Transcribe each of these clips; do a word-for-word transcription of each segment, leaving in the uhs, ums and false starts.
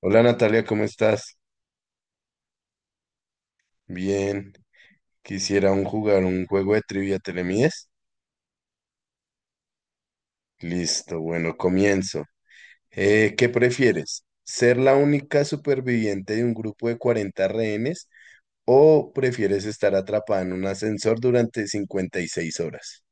Hola Natalia, ¿cómo estás? Bien, quisiera un- jugar un juego de trivia, ¿te le mides? Listo, bueno, comienzo. Eh, ¿qué prefieres? ¿Ser la única superviviente de un grupo de cuarenta rehenes o prefieres estar atrapada en un ascensor durante cincuenta y seis horas?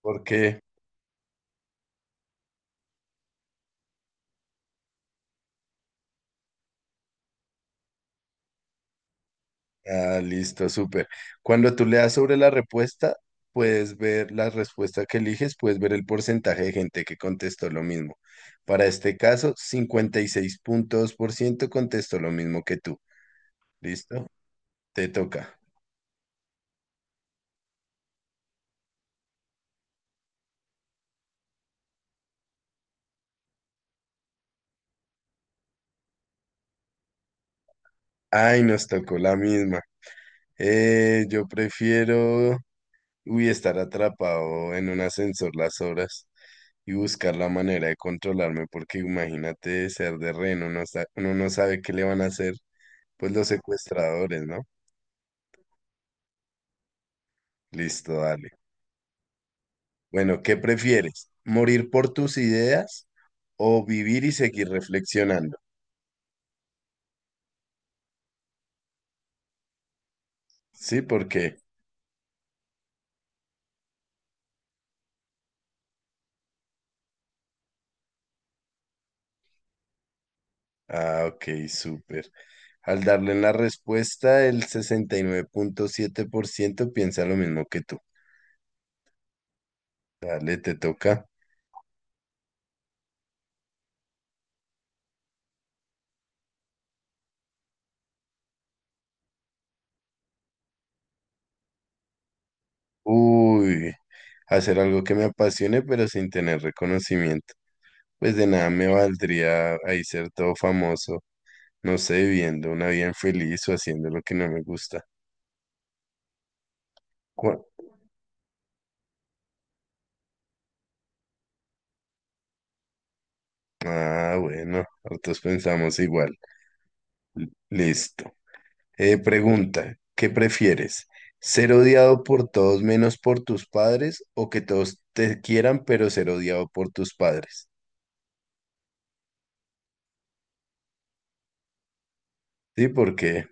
Porque. Ah, listo, súper. Cuando tú le das sobre la respuesta, puedes ver la respuesta que eliges, puedes ver el porcentaje de gente que contestó lo mismo. Para este caso, cincuenta y seis punto dos por ciento contestó lo mismo que tú. ¿Listo? Te toca. Ay, nos tocó la misma. Eh, yo prefiero, uy, estar atrapado en un ascensor las horas y buscar la manera de controlarme, porque imagínate ser de rehén, uno, sa- uno no sabe qué le van a hacer. Pues los secuestradores, ¿no? Listo, dale. Bueno, ¿qué prefieres? ¿Morir por tus ideas o vivir y seguir reflexionando? Sí, ¿por qué? Ah, ok, súper. Al darle la respuesta, el sesenta y nueve punto siete por ciento piensa lo mismo que tú. Dale, te toca. Uy, hacer algo que me apasione, pero sin tener reconocimiento. Pues de nada me valdría ahí ser todo famoso, no sé, viviendo una vida infeliz o haciendo lo que no me gusta. Cu- Ah, bueno, nosotros pensamos igual. Listo. Eh, pregunta, ¿qué prefieres? ¿Ser odiado por todos menos por tus padres o que todos te quieran pero ser odiado por tus padres? Sí, porque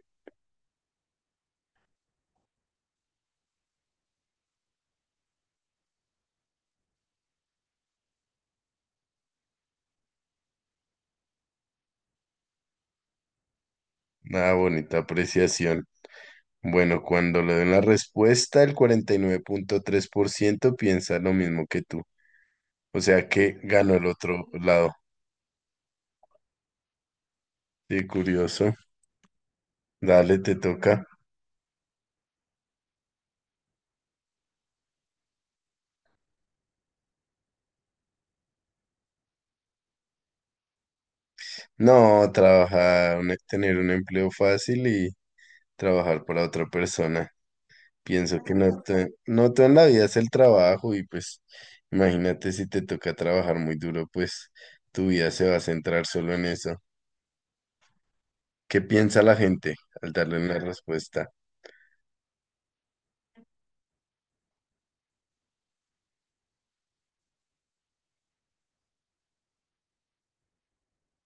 una bonita apreciación. Bueno, cuando le den la respuesta, el cuarenta y nueve punto tres por ciento piensa lo mismo que tú. O sea que ganó el otro lado. Sí, curioso. Dale, te toca. No, trabajar, un- tener un empleo fácil y trabajar para otra persona. Pienso que no te, no todo en la vida es el trabajo y pues imagínate si te toca trabajar muy duro, pues tu vida se va a centrar solo en eso. ¿Qué piensa la gente al darle una respuesta?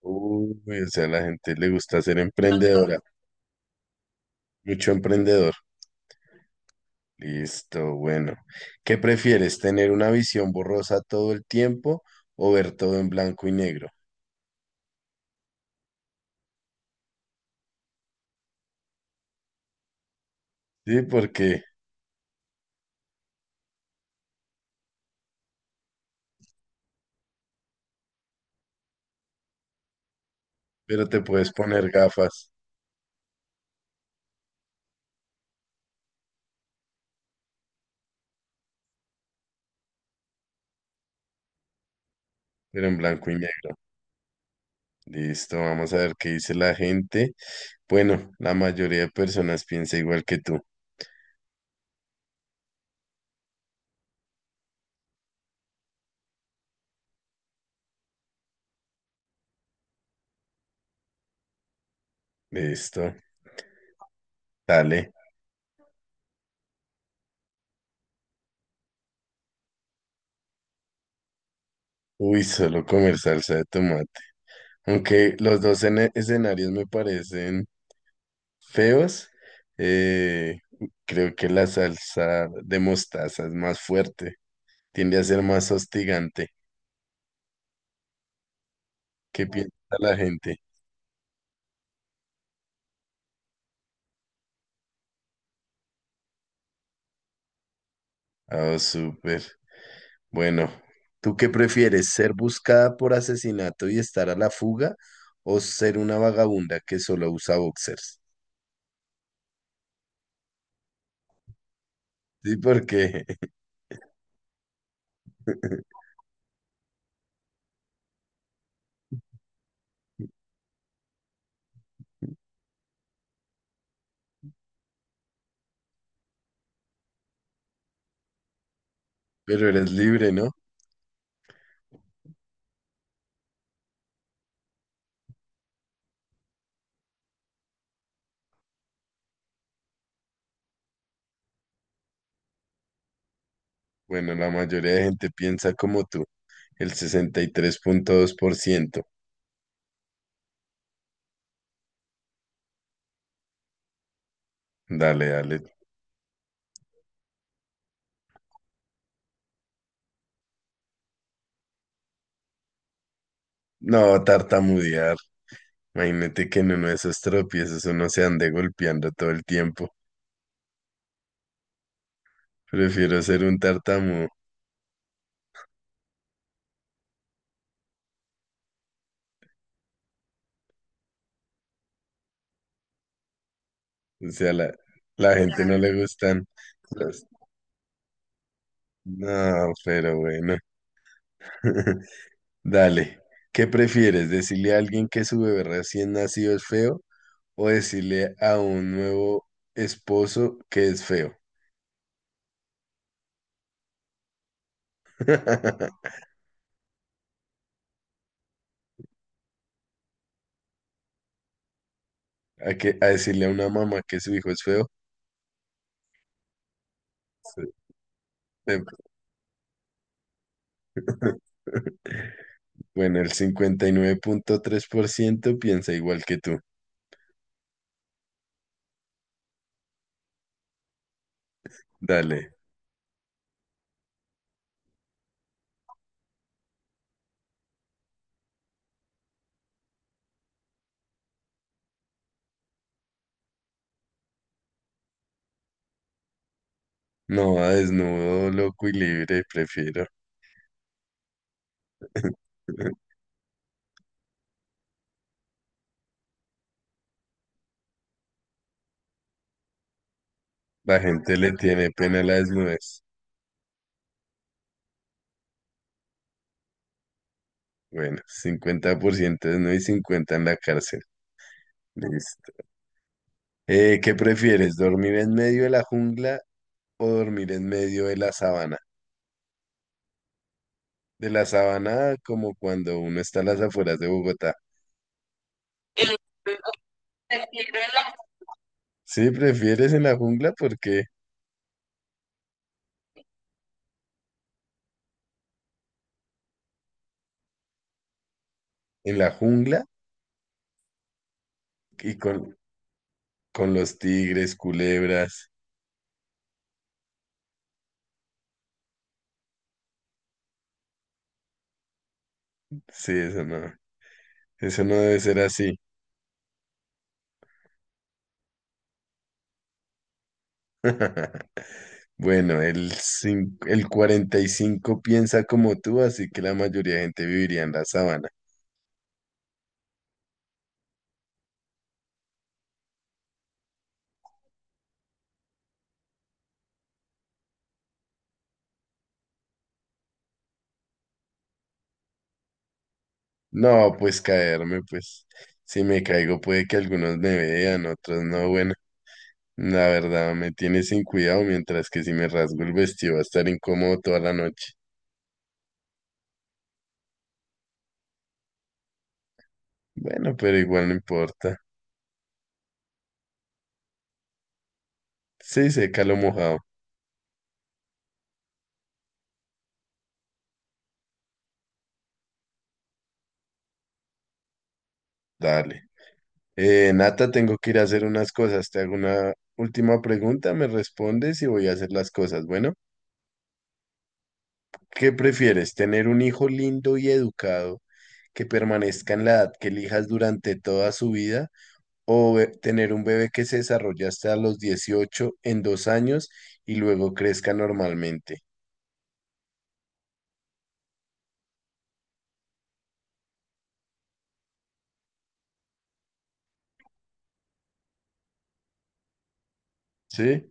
Uy, o sea, a la gente le gusta ser emprendedora, mucho emprendedor. Listo, bueno. ¿Qué prefieres, tener una visión borrosa todo el tiempo o ver todo en blanco y negro? Sí, porque, pero te puedes poner gafas, pero en blanco y negro. Listo, vamos a ver qué dice la gente. Bueno, la mayoría de personas piensa igual que tú. Listo, dale. Uy, solo comer salsa de tomate. Aunque los dos ene- escenarios me parecen feos, eh, creo que la salsa de mostaza es más fuerte, tiende a ser más hostigante. ¿Qué piensa la gente? Oh, súper. Bueno, ¿tú qué prefieres? ¿Ser buscada por asesinato y estar a la fuga o ser una vagabunda que solo usa boxers? Sí, porque, pero eres libre, ¿no? Bueno, la mayoría de gente piensa como tú, el sesenta y tres punto dos por ciento. Dale, dale. No, tartamudear. Imagínate que en uno de esos tropiezos uno se ande golpeando todo el tiempo. Prefiero ser un tartamudo. O sea, la, la gente no le gustan los... No, pero bueno. Dale, ¿qué prefieres? ¿Decirle a alguien que su bebé recién nacido es feo o decirle a un nuevo esposo que es feo? ¿A, que, a decirle a una mamá que su hijo es feo? Sí. Em, Bueno, el cincuenta y nueve punto tres por ciento piensa igual que tú. Dale, no a desnudo, loco y libre, prefiero. La gente le tiene pena a la desnudez. Bueno, cincuenta por ciento desnudo y cincuenta por ciento en la cárcel. Listo. Eh, ¿qué prefieres, dormir en medio de la jungla o dormir en medio de la sabana? De la sabana como cuando uno está a las afueras de Bogotá. Sí, prefieres en la jungla porque en la jungla y con, con los tigres, culebras. Sí, eso no, eso no debe ser así. Bueno, el, cin- el cuarenta y cinco piensa como tú, así que la mayoría de gente viviría en la sabana. No, pues caerme, pues si me caigo puede que algunos me vean, otros no. Bueno, la verdad me tiene sin cuidado, mientras que si me rasgo el vestido va a estar incómodo toda la noche. Bueno, pero igual no importa. Sí, seca lo mojado. Dale. Eh, Nata, tengo que ir a hacer unas cosas. Te hago una última pregunta, me respondes y voy a hacer las cosas. Bueno, ¿qué prefieres? ¿Tener un hijo lindo y educado que permanezca en la edad que elijas durante toda su vida? O eh, tener un bebé que se desarrolla hasta los dieciocho en dos años y luego crezca normalmente. ¿Sí?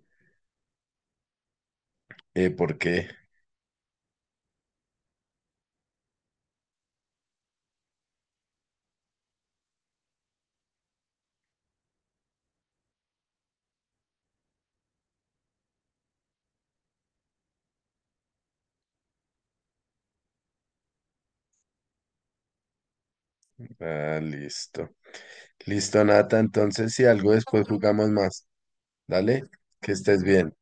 Eh, ¿por qué? Ah, listo. Listo, Nata. Entonces, si algo después jugamos más. Dale, que estés bien.